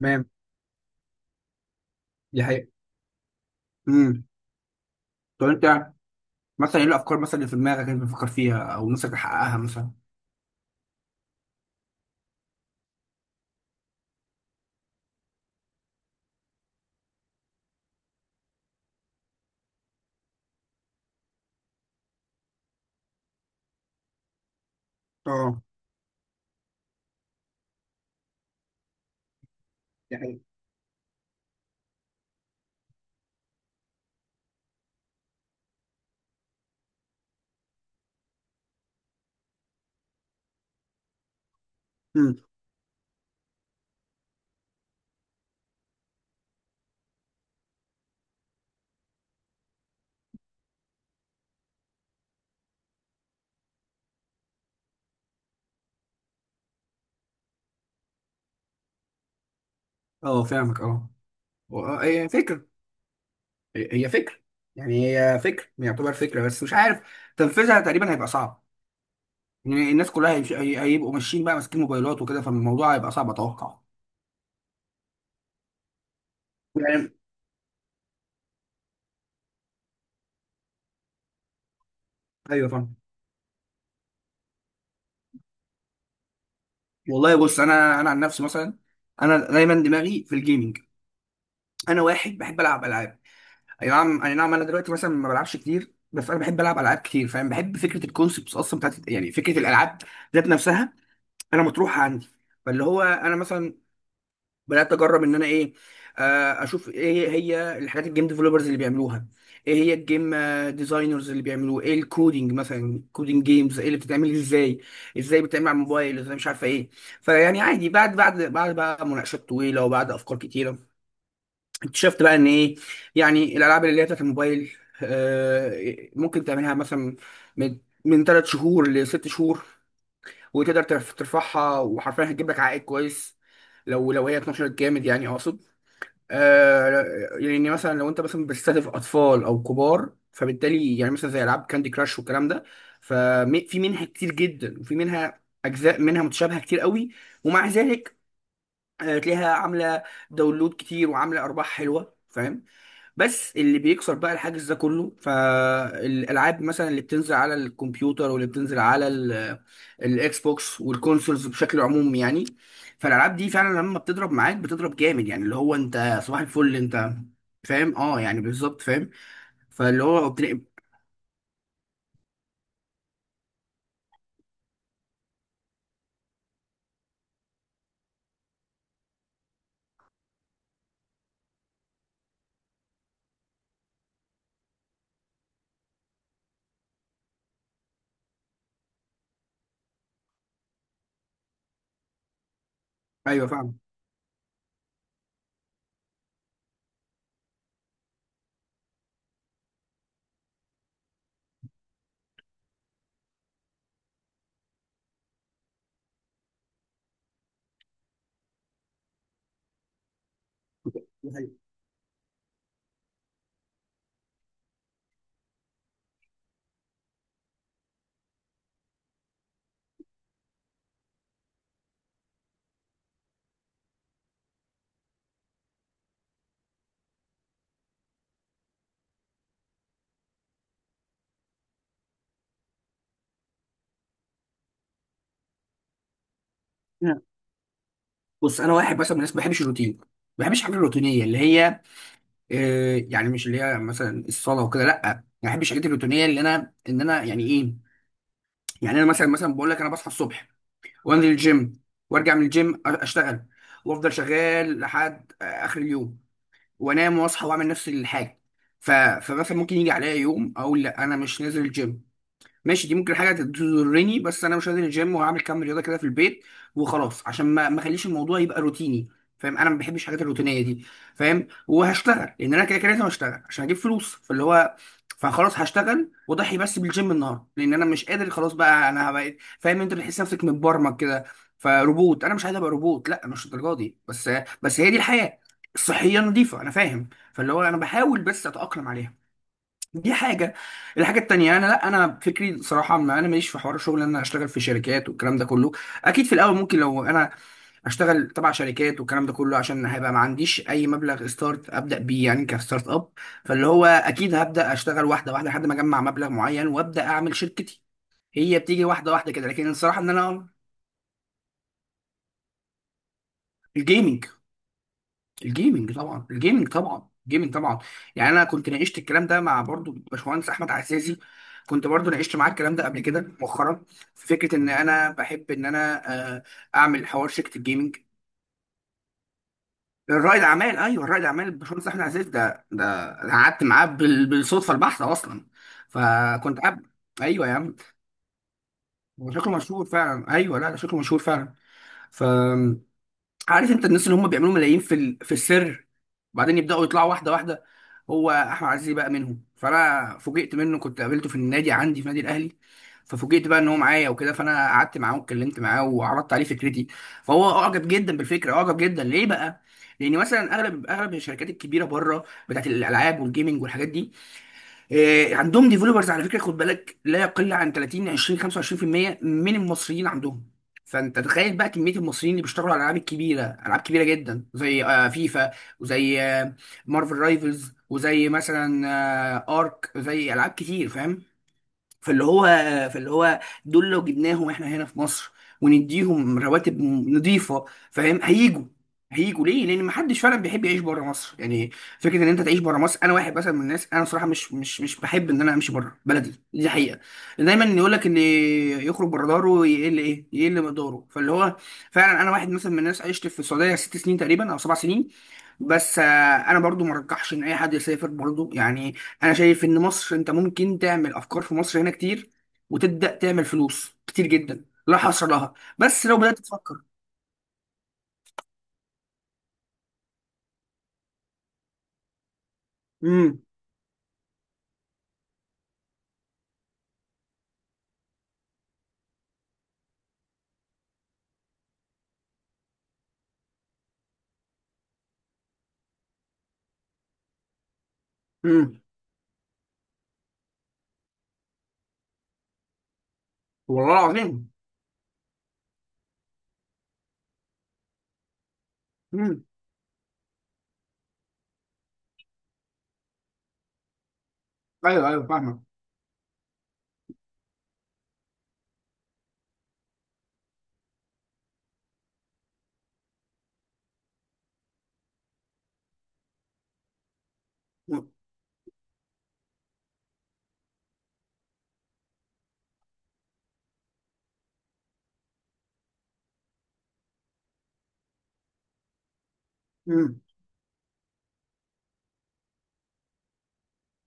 تمام. دي حقيقة. امم. طب انت، مثلا ايه الافكار مثلا اللي في دماغك انت بتفكر فيها او نفسك تحققها مثلا؟ اه. دي حقيقة. امم. اه فاهمك اه. و- آه، هي فكر هي فكر هي فكر يعتبر فكره، بس مش عارف تنفيذها تقريبا هيبقى صعب. يعني الناس كلها هيبقوا ماشيين بقى ماسكين موبايلات وكده، فالموضوع هيبقى صعب اتوقع يعني. ايوه فاهم. والله بص، انا عن نفسي مثلا، انا دايما دماغي في الجيمنج. انا واحد بحب العب العاب. اي نعم، اي نعم، انا دلوقتي مثلا ما بلعبش كتير، بس انا بحب العب العاب كتير فاهم، بحب فكره الكونسبتس اصلا بتاعت يعني فكره الالعاب ذات نفسها انا مطروحه عندي. فاللي هو انا مثلا بدات اجرب ان انا ايه، اشوف ايه هي الحاجات الجيم ديفلوبرز اللي بيعملوها، ايه هي الجيم ديزاينرز اللي بيعملوه، ايه الكودينج مثلا، كودينج جيمز ايه اللي بتتعمل ازاي، ازاي بتتعمل على الموبايل ازاي، مش عارفه ايه. فيعني عادي، بعد بقى مناقشات طويله وبعد افكار كتيره اكتشفت بقى ان ايه، يعني الالعاب اللي هي بتاعت الموبايل ممكن تعملها مثلا من 3 شهور ل6 شهور، وتقدر ترفعها، وحرفيا هتجيب لك عائد كويس لو هي اتنشرت جامد، يعني اقصد، آه، يعني مثلا لو انت مثلا بتستهدف اطفال او كبار، فبالتالي يعني مثلا زي العاب كاندي كراش والكلام ده، ففي منها كتير جدا وفي منها اجزاء منها متشابهه كتير قوي، ومع ذلك تلاقيها عامله داونلود كتير وعامله ارباح حلوه فاهم. بس اللي بيكسر بقى الحاجز ده كله، فالالعاب مثلا اللي بتنزل على الكمبيوتر واللي بتنزل على الاكس بوكس والكونسولز بشكل عموم يعني، فالالعاب دي فعلا لما بتضرب معاك بتضرب جامد، يعني اللي هو انت صباح الفل انت فاهم. اه يعني بالظبط فاهم. فاللي هو بتلاقي. ايوه فاهم. دي حقيقة. بص انا واحد مثلا من الناس ما بحبش الروتين، ما بحبش الحاجات الروتينيه اللي هي، يعني مش اللي هي مثلا الصلاه وكده، لا ما بحبش الحاجات الروتينيه، اللي انا ان انا يعني ايه، يعني انا مثلا، مثلا بقول لك انا بصحى الصبح وانزل الجيم وارجع من الجيم اشتغل، وافضل شغال لحد اخر اليوم، وانام واصحى واعمل نفس الحاجه. فمثلا ممكن يجي عليا يوم اقول لا انا مش نازل الجيم، ماشي، دي ممكن حاجه تضرني، بس انا مش هنزل الجيم وهعمل كام رياضه كده في البيت وخلاص، عشان ما اخليش الموضوع يبقى روتيني فاهم. انا ما بحبش الحاجات الروتينيه دي فاهم. وهشتغل لان انا كده كده لازم اشتغل عشان اجيب فلوس، فاللي هو فخلاص هشتغل واضحي بس بالجيم النهارده، لان انا مش قادر خلاص بقى، انا بقيت فاهم. انت بتحس نفسك متبرمج كده فروبوت، انا مش عايز ابقى روبوت، لا مش الدرجه دي، بس بس هي دي الحياه الصحيه نظيفه انا فاهم. فاللي هو انا بحاول بس اتاقلم عليها. دي حاجة. الحاجة التانية، أنا لأ، أنا فكري صراحة ما أنا ماليش في حوار الشغل إن أنا أشتغل في شركات والكلام ده كله. أكيد في الأول ممكن لو أنا أشتغل تبع شركات والكلام ده كله، عشان هيبقى ما عنديش أي مبلغ ستارت أبدأ بيه يعني كستارت أب. فاللي هو أكيد هبدأ أشتغل واحدة واحدة لحد ما أجمع مبلغ معين وأبدأ أعمل شركتي. هي بتيجي واحدة واحدة كده، لكن الصراحة إن أنا، الجيمنج. الجيمنج طبعا، الجيمنج طبعا، الجيمنج طبعا. يعني انا كنت ناقشت الكلام ده مع برضو باشمهندس احمد عزازي، كنت برضو ناقشت معاه الكلام ده قبل كده مؤخرا، في فكره ان انا بحب ان انا آه، اعمل حوار شركه الجيمنج. الرائد اعمال، ايوه الرائد اعمال باشمهندس احمد عزازي، ده. أنا قعدت معاه بالصدفه البحته اصلا، فكنت قاعد. ايوه يا عم. هو شكله مشهور فعلا، ايوه، لا ده شكله مشهور فعلا. ف، عارف انت الناس اللي هم بيعملوا ملايين في في السر، وبعدين يبداوا يطلعوا واحده واحده، هو احمد عزيزي بقى منهم. فانا فوجئت منه، كنت قابلته في النادي عندي في نادي الاهلي. ففوجئت بقى ان هو معايا وكده، فانا قعدت معاه واتكلمت معاه وعرضت عليه فكرتي. فهو اعجب جدا بالفكره، اعجب جدا ليه بقى؟ لان مثلا اغلب الشركات الكبيره بره بتاعت الالعاب والجيمنج والحاجات دي عندهم ديفلوبرز، على فكره خد بالك لا يقل عن 30 20 25% من المصريين عندهم. فانت تخيل بقى كميه المصريين اللي بيشتغلوا على الالعاب الكبيره، العاب كبيره جدا زي فيفا، وزي مارفل رايفلز، وزي مثلا ارك، زي العاب كتير فاهم. فاللي هو فاللي هو دول لو جبناهم احنا هنا في مصر ونديهم رواتب نظيفه، فاهم، هيجوا. هيجوا ليه؟ لان محدش فعلا بيحب يعيش بره مصر يعني. فكره ان انت تعيش بره مصر، انا واحد مثلا من الناس، انا صراحه مش بحب ان انا امشي بره بلدي، دي حقيقه. دايما يقول لك اللي يخرج بره داره يقل ايه؟ يقل مقداره. فاللي هو فعلا انا واحد مثلا من الناس عشت في السعوديه 6 سنين تقريبا او 7 سنين، بس انا برضو ما رجحش ان اي حد يسافر برضو يعني. انا شايف ان مصر، انت ممكن تعمل افكار في مصر هنا كتير وتبدا تعمل فلوس كتير جدا لا حصر لها، بس لو بدات تفكر. امم. امم. والله العظيم. امم. ايوه ايوه فاهمك. امم.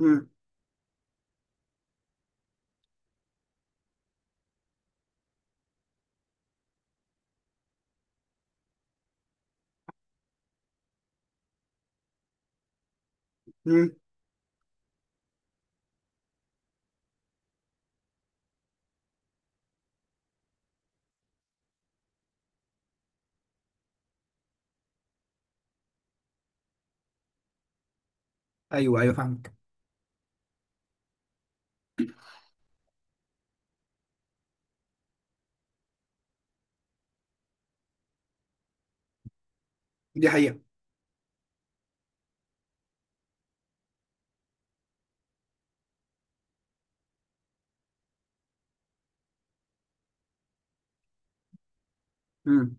امم. امم. ايوه ايوه فاهمك. دي حقيقه. امم.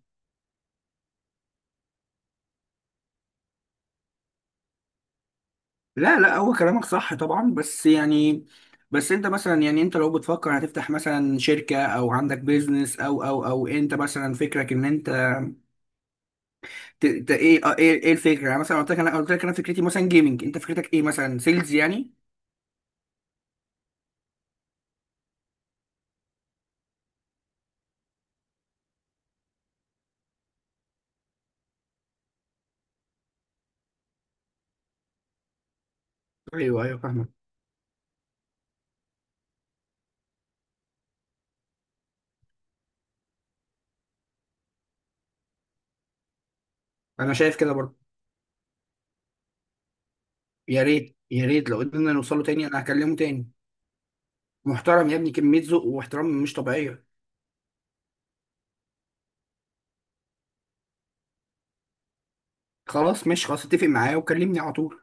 لا، لا هو كلامك صح طبعا، بس يعني بس انت مثلا، يعني انت لو بتفكر هتفتح مثلا شركه او عندك بيزنس او انت مثلا فكرك ان انت، ايه، ايه ايه الفكره، يعني مثلا قلت لك انا، فكرتي مثلا جيمنج، انت فكرتك ايه مثلا سيلز يعني؟ ايوه ايوه فاهمك. انا شايف كده برضه. يا ريت يا ريت لو قدرنا نوصله تاني انا هكلمه تاني. محترم يا ابني، كميه ذوق واحترام مش طبيعيه. خلاص ماشي، خلاص اتفق معايا وكلمني على طول.